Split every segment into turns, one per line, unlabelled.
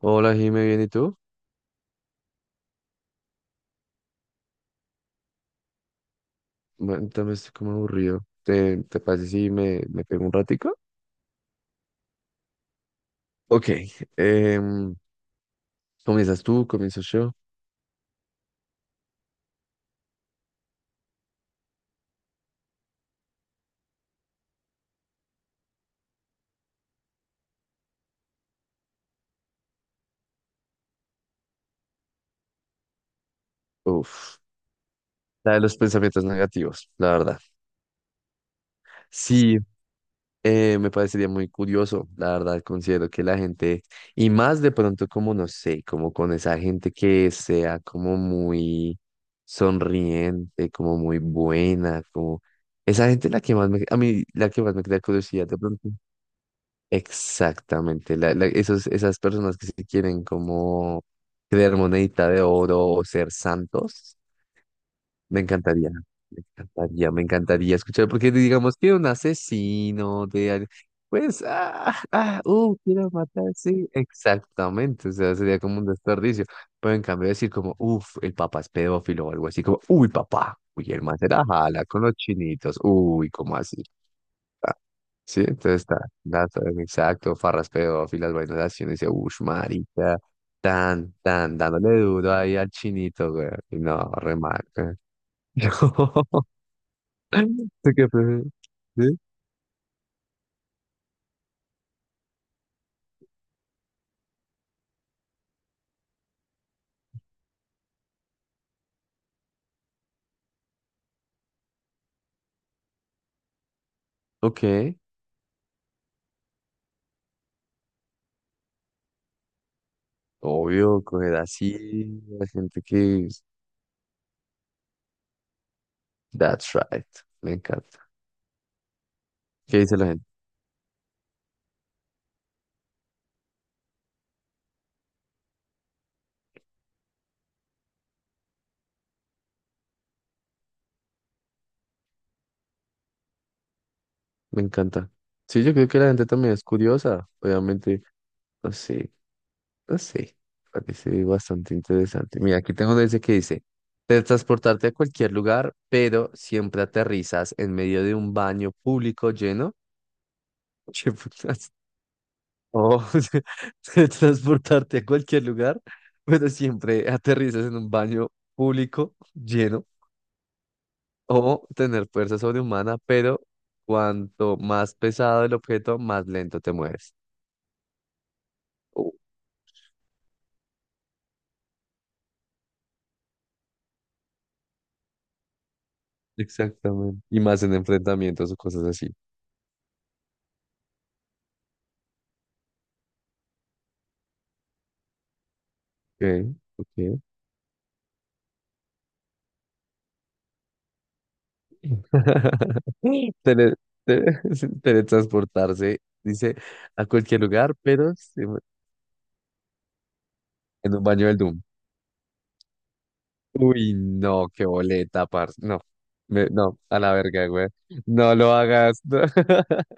Hola, Jime, ¿bien y tú? Bueno, también estoy como aburrido. ¿Te parece si me pego un ratico? Ok, em, ¿comienzas tú? ¿Comienzo yo? Uf, la de los pensamientos negativos, la verdad. Sí, me parecería muy curioso, la verdad, considero que la gente, y más de pronto como, no sé, como con esa gente que sea como muy sonriente, como muy buena, como esa gente la que más me, a mí la que más me crea curiosidad de pronto. Exactamente, esos, esas personas que se quieren como creer monedita de oro o ser santos, me encantaría, me encantaría, me encantaría escuchar, porque digamos que un asesino de al- pues, quiero matar, sí, exactamente, o sea, sería como un desperdicio, pero en cambio decir como, uff, el papá es pedófilo o algo así, como, uy, papá, uy, el man se la jala con los chinitos, uy, como así. Sí, entonces está, dato exacto, farraspeo, filas vainas, y uno dice, uff, marica, tan, tan, dándole duro ahí al chinito, güey. Y no, remarca. No. ¿Tú qué prefieres? ¿Sí? Ok, obvio, coger así, la gente que, that's right, me encanta. ¿Qué dice la gente? Me encanta. Sí, yo creo que la gente también es curiosa, obviamente, no sé. No sé, parece bastante interesante. Mira, aquí tengo desde que dice, transportarte a cualquier lugar, pero siempre aterrizas en medio de un baño público lleno. ¿Qué putas? Oh, transportarte a cualquier lugar, pero siempre aterrizas en un baño público lleno. O tener fuerza sobrehumana, pero cuanto más pesado el objeto, más lento te mueves. Oh, exactamente. Y más en enfrentamientos o cosas así. Ok, ok. Tele- te- teletransportarse, dice, a cualquier lugar, pero se- en un baño del Doom. Uy, no, qué boleta, parce. No, no, a la verga, güey. No lo hagas. No.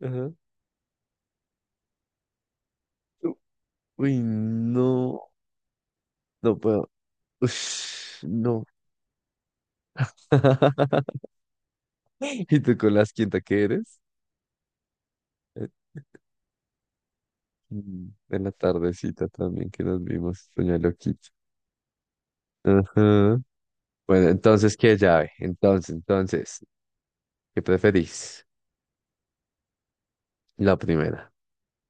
Ajá. U- Uy, no, no puedo. Ush, no. ¿Y tú con las quinta que eres? Eh, En la tardecita también que nos vimos, Doña Loquita. Ajá. Bueno, entonces, ¿qué llave? Entonces, entonces, ¿qué preferís? La primera.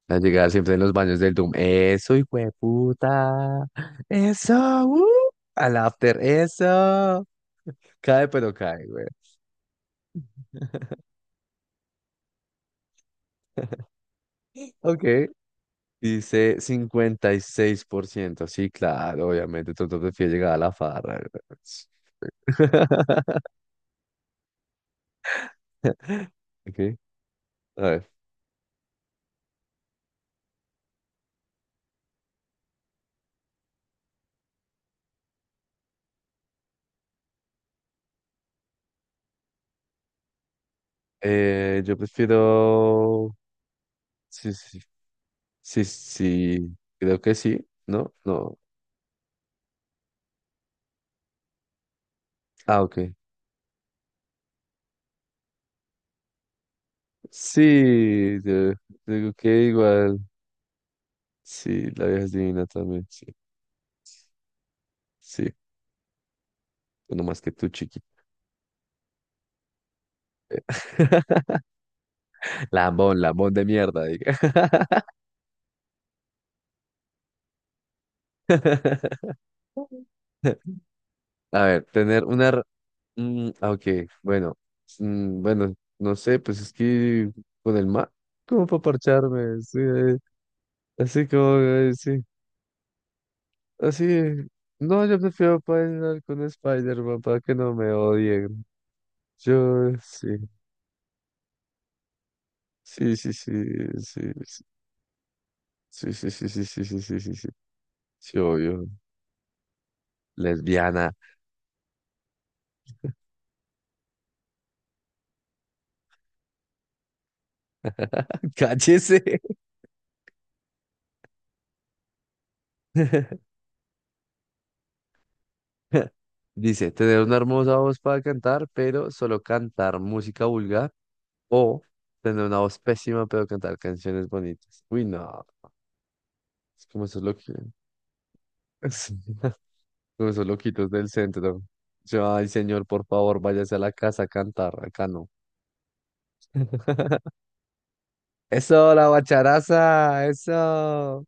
La llegar siempre en los baños del Doom. Eso, hijo de puta. Eso, al after, eso. Cae, pero cae, güey. Ok. Dice 56%. Sí, claro, obviamente. Tú te prefieres llegar a la farra, güey. Ok. A ver. Yo prefiero. Sí, sí, sí. Sí, sí, creo que sí, ¿no? No. Ah, ok. Sí, yo digo que igual. Sí, la vieja es divina también, sí. Sí, no más que tú, chiqui. Lambón, lambón de mierda, diga. A ver, tener una... re- ok, bueno. Bueno, no sé, pues es que con el mar, como para parcharme, sí, así como, sí. Así, no, yo prefiero bailar con Spider-Man para que no me odien. Yo, sí, sí, sí, sí, sí, sí, sí, sí, sí, sí, sí, sí, sí, sí, sí, obvio. Lesbiana, cállese. Dice, tener una hermosa voz para cantar, pero solo cantar música vulgar, o tener una voz pésima, pero cantar canciones bonitas. Uy, no, es como eso es lo que... Sí. Con esos loquitos del centro. Yo, ay, señor, por favor, váyase a la casa a cantar. Acá no. Eso, la bacharaza, eso.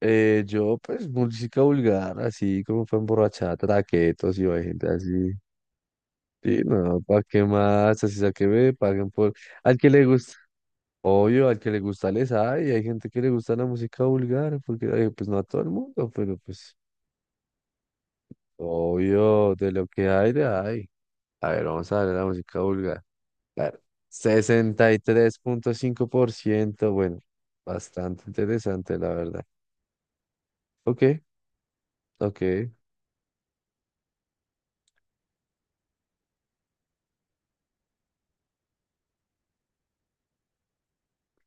Yo, pues, música vulgar, así como fue emborrachada, traquetos, y hay gente así. Sí, no, ¿para qué más? Así sea que me paguen por. Al que le gusta, obvio, al que le gusta les hay. Hay gente que le gusta la música vulgar, porque, pues, no a todo el mundo, pero pues, obvio, de lo que hay, de hay. A ver, vamos a ver la música vulgar. Claro. 63,5%, bueno, bastante interesante, la verdad. Ok, ok,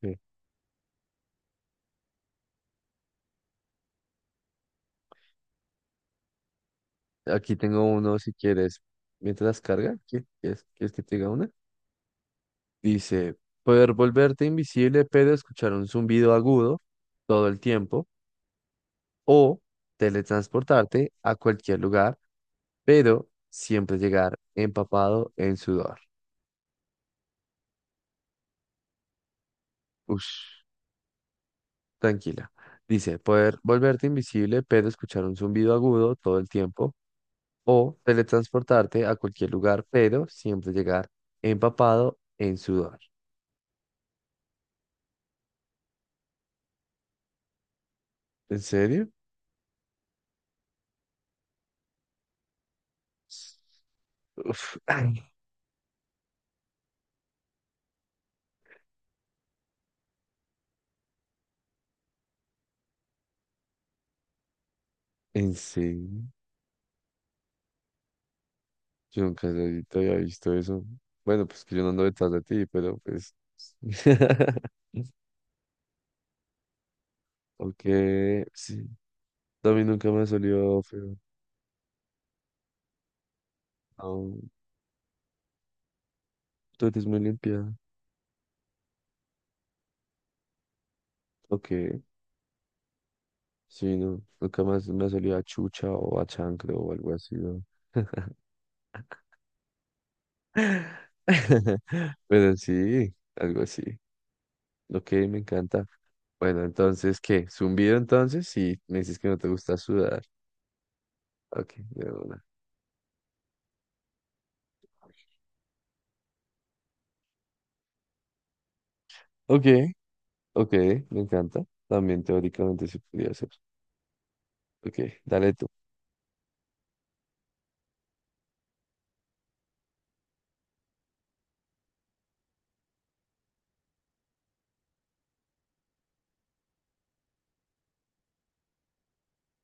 ok. Aquí tengo uno si quieres. Mientras carga, ¿quieres, quieres que te diga una? Dice, poder volverte invisible pero escuchar un zumbido agudo todo el tiempo o teletransportarte a cualquier lugar pero siempre llegar empapado en sudor. Ush. Tranquila. Dice, poder volverte invisible, pero escuchar un zumbido agudo todo el tiempo, o teletransportarte a cualquier lugar, pero siempre llegar empapado en sudor. ¿En serio? Uf, ay, ¿en serio? Yo nunca había visto eso. Bueno, pues que yo no ando detrás de ti, pero pues... Ok, sí. A mí nunca me ha salido feo. No, tú eres muy limpia. Ok. Sí, no, nunca más me ha salido a chucha o a chancro o algo así, ¿no? Pero sí, algo así. Ok, me encanta. Bueno, entonces, ¿qué? ¿Zumbido entonces? Si me dices que no te gusta sudar. Ok, de una. Ok, ok, me encanta. También teóricamente se podría hacer. Ok, dale tú.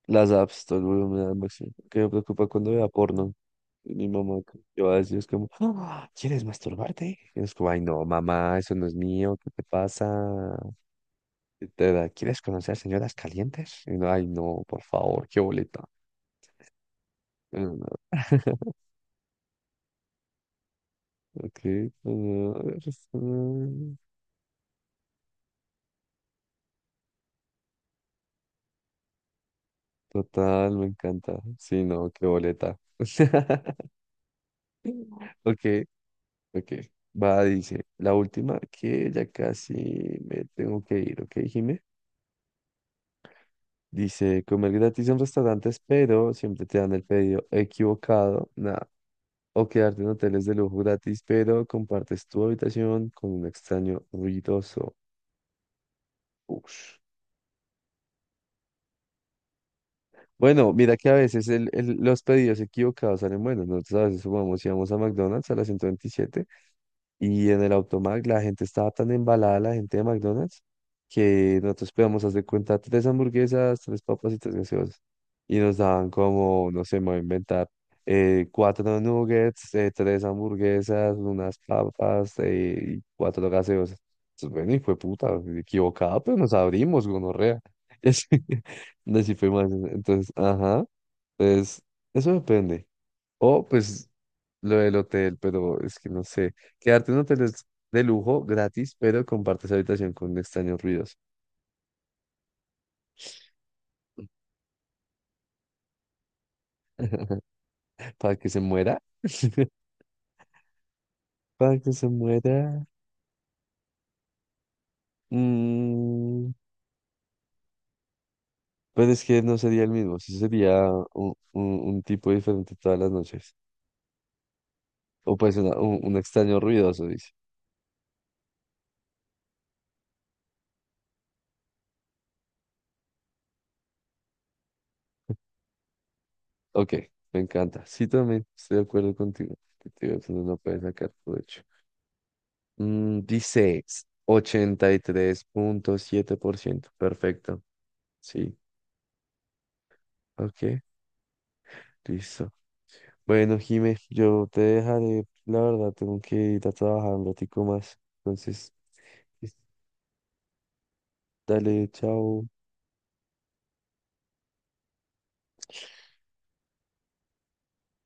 Las apps, todo el volumen al máximo. Que me preocupa cuando vea porno. Y mi mamá yo así es como, "Ah, ¿quieres masturbarte?". Y es como, ay no, mamá, eso no es mío, ¿qué te pasa? Y te da, ¿quieres conocer señoras calientes? Y no, ay no, por favor, qué boleta. Mm, Ok, mm, mm, total, me encanta. Sí, no, qué boleta. Ok, ok. Va, dice, la última que ya casi me tengo que ir, ¿ok, Jime? Dice, comer gratis en restaurantes, pero siempre te dan el pedido equivocado. Nada. O quedarte en hoteles de lujo gratis, pero compartes tu habitación con un extraño ruidoso. Ush. Bueno, mira que a veces los pedidos equivocados salen buenos. Nosotros a veces sumamos y vamos a McDonald's a las 127. Y en el Automac la gente estaba tan embalada, la gente de McDonald's, que nosotros podíamos hacer cuenta tres hamburguesas, tres papas y tres gaseosas. Y nos daban como, no sé, me voy a inventar, cuatro nuggets, tres hamburguesas, unas papas y cuatro gaseosas. Entonces, bueno, y fue puta, equivocada, pero nos abrimos, gonorrea. Y así, así fue más. Entonces, ajá, pues eso depende. O pues lo del hotel, pero es que no sé. Quedarte en un hotel es de lujo, gratis, pero compartes habitación con extraños ruidos. Para que se muera. Para que se muera. Mm, pero es que no sería el mismo. Sí sería un, un tipo diferente todas las noches. O pues un extraño ruidoso, dice. Ok, me encanta. Sí, también estoy de acuerdo contigo. Que te digo que uno no puede sacar provecho. Dice 83,7%. Perfecto. Sí, ok, listo. Bueno, Jime, yo te dejaré, la verdad, tengo que ir a trabajar un ratico más. Entonces, dale, chao.